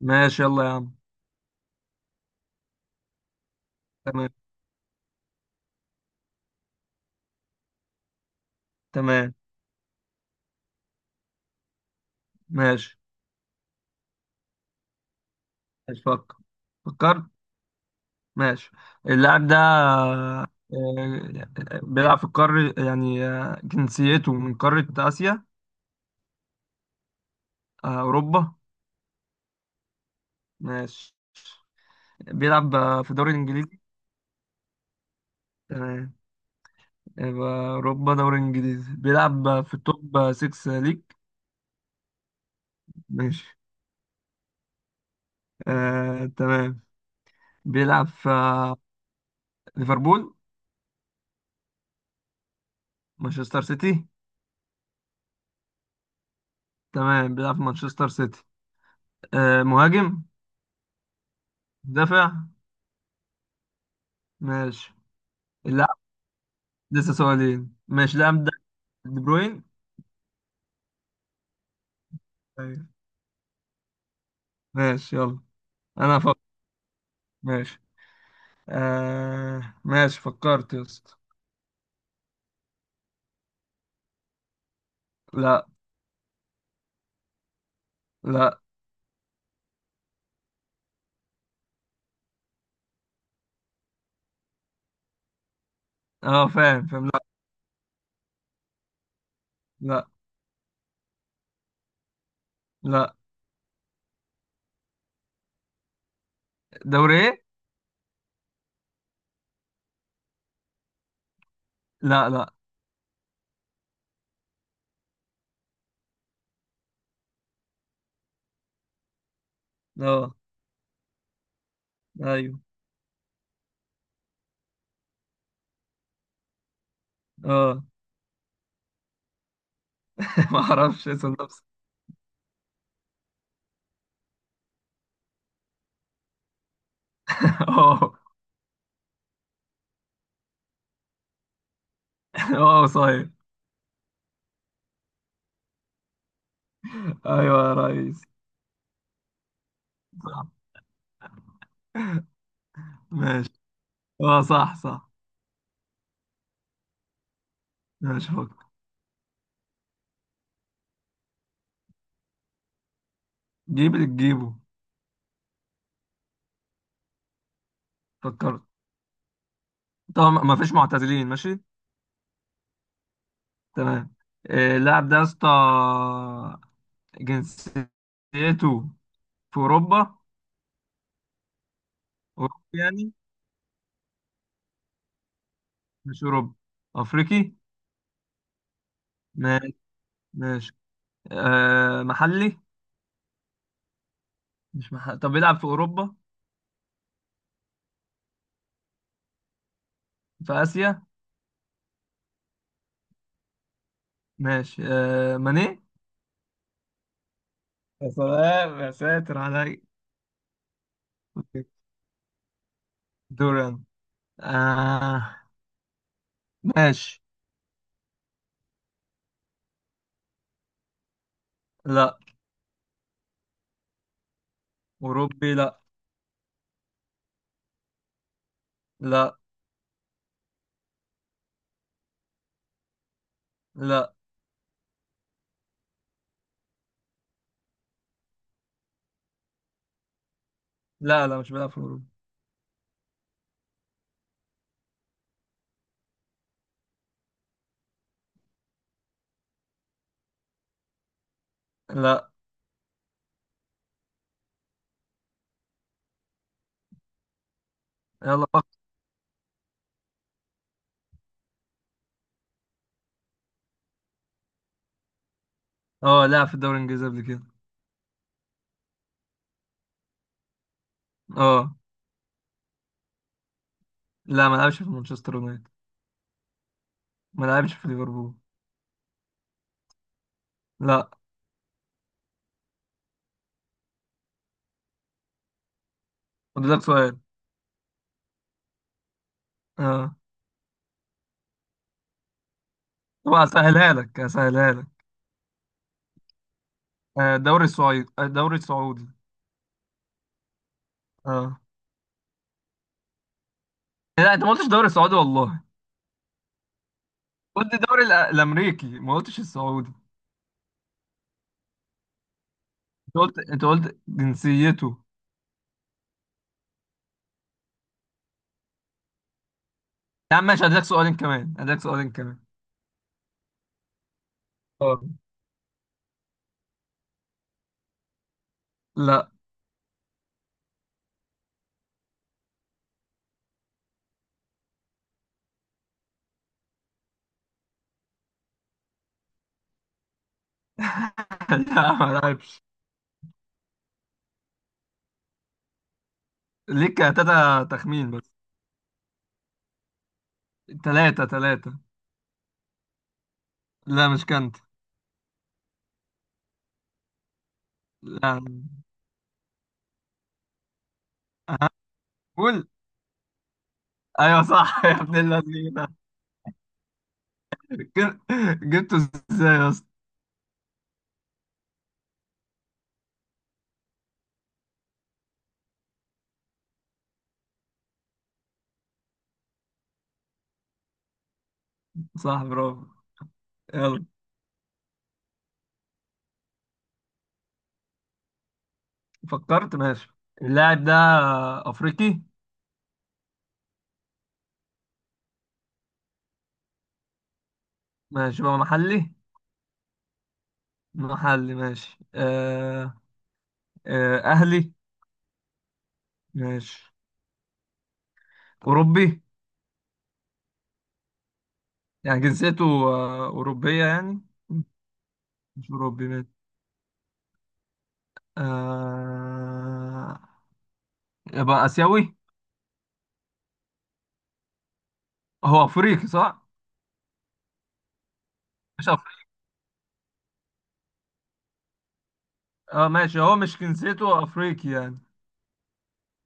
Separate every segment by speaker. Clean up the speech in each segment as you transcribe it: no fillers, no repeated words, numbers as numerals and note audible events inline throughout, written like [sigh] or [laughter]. Speaker 1: ماشي يلا يا عم. تمام. تمام. ماشي. ماشي. فكر. فكرت. ماشي. اللاعب ده بيلعب في القارة يعني. جنسيته من قارة آسيا. أوروبا. ماشي. بيلعب في الدوري الإنجليزي. تمام. يبقى أوروبا دوري إنجليزي بيلعب في التوب 6 ليج. ماشي. تمام. بيلعب في ليفربول. مانشستر سيتي. تمام بيلعب في مانشستر سيتي. مهاجم. مدافع. ماشي. اللاعب لسه سؤالين ماشي اللاعب ده دي بروين. ايوه. ماشي يلا. انا فكر. ماشي. آه ماشي فكرت يا اسطى. لا. لا. اه فاهم فاهم لا. لا. لا. دوري ايه؟ لا. لا. اه. ايوه. اه. [laughs] ما اعرفش اسم نفسي. اه. اه [laughs] صحيح. ايوه يا ريس. صح. ماشي. اه صح صح. ماشي فكر. جيب اللي تجيبه. فكرت. طبعا ما فيش معتزلين. ماشي. تمام. اللاعب ده يا اسطى جنسيته في أوروبا. أوروبي يعني. مش أوروبي. أفريقي. ماشي. ماشي. أه محلي. مش محلي، طب بيلعب في أوروبا؟ في آسيا. ماشي أه ماني. يا سلام يا ساتر علي. دوران. آه. ماشي. لا. أوروبي لا. لا. لا. لا. لا، مش بيلعب في أوروبا. لا. يلا فكر. اه لعب في الدوري الإنجليزي قبل كده. اه. لا، ما لعبش في مانشستر يونايتد. ما لعبش في ليفربول. لا. فاضل لك سؤال. اه. طبعا هسهلها لك، هسهلها لك. الدوري السعودي، الدوري السعودي. اه. لا، انت ما قلتش الدوري السعودي والله. قلت الدوري الامريكي، ما قلتش السعودي. انت قلت جنسيته. يا عم ماشي، هديلك سؤالين كمان، هديلك سؤالين كمان. اه. لا. [laughs] لا، ما لعبش. ليك تلاتة تخمين بس. تلاتة تلاتة. لا مش كانت. لا. أه. قول. ايوه صح [laughs] يا ابن الذين. جب- جبته ازاي يا اسطى. صح برافو. يلا. فكرت. ماشي. اللاعب ده افريقي. ماشي بقى محلي. محلي ماشي. آه. آه اهلي. ماشي. اوروبي. يعني جنسيته آه اوروبيه يعني. مش اوروبي ماشي. آه. يبقى اسيوي. هو افريقي صح. مش افريقي. اه ماشي، هو مش جنسيته افريقي يعني.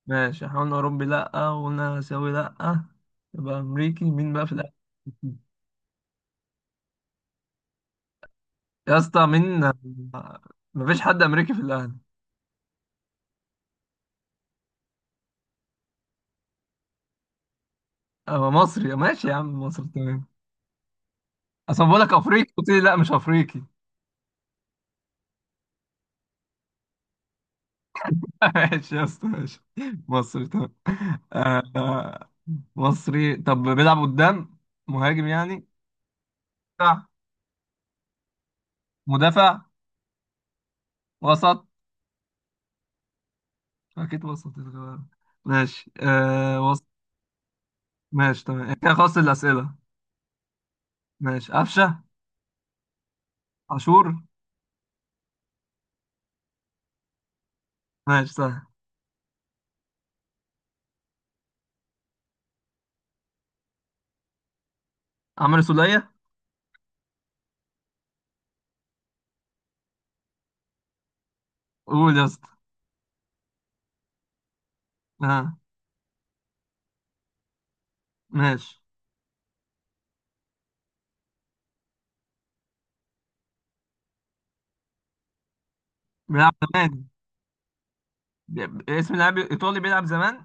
Speaker 1: ماشي، احنا قلنا اوروبي لا، وقلنا اسيوي لا. يبقى امريكي؟ مين بقى في الاخر؟ يا اسطى مين؟ مفيش حد امريكي في الاهلي. هو مصري ماشي يا عم، مصري تمام. اصل بقول لك افريقي، قلت لي لا مش افريقي. [laughs] ماشي يا اسطى ماشي. مصري تمام. آه، آه، مصري طب بيلعب قدام؟ مهاجم يعني؟ دفاع. مدافع. وسط. اكيد وسط. ماشي آه وسط. ماشي تمام إيه، كده خلصت الاسئله. ماشي قفشه. عاشور. ماشي سهل. عمرو سوليه. قول يا اسطى. اه. ماشي. بيلعب زمان. اسم لاعب ايطالي بيلعب زمان.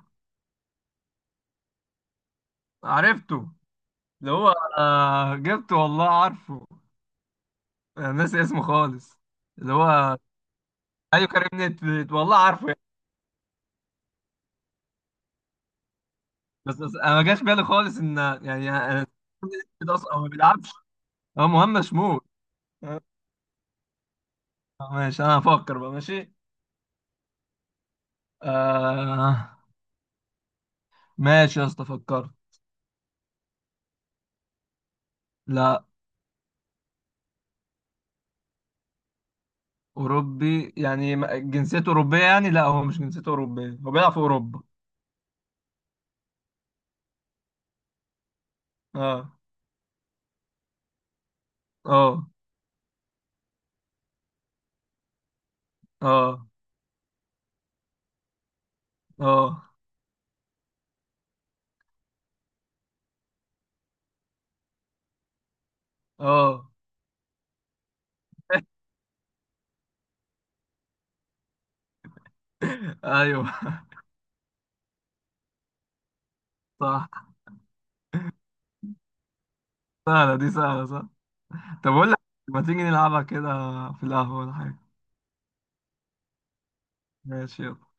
Speaker 1: عرفته. اللي هو. آه جبته والله عارفه. انا ناسي اسمه خالص. اللي هو. ايوه كريم نيدفيد والله عارفه يعني. بس انا ما جاش بالي خالص ان يعني نيدفيد اصلا هو ما بيلعبش. هو مهمش شمول. آه، ماشي انا هفكر بقى، ماشي. آه ماشي يا اسطى فكرت. لا. اوروبي يعني جنسيته اوروبيه يعني، لا هو مش جنسيته اوروبيه، هو بيلعب في اوروبا. اه. اه. اه. اه. اه [laughs] ايوه [laughs] صح. سهلة دي سهلة صح. طب اقول لك، ما تيجي نلعبها كده في القهوة ولا حاجة؟ ماشي يلا.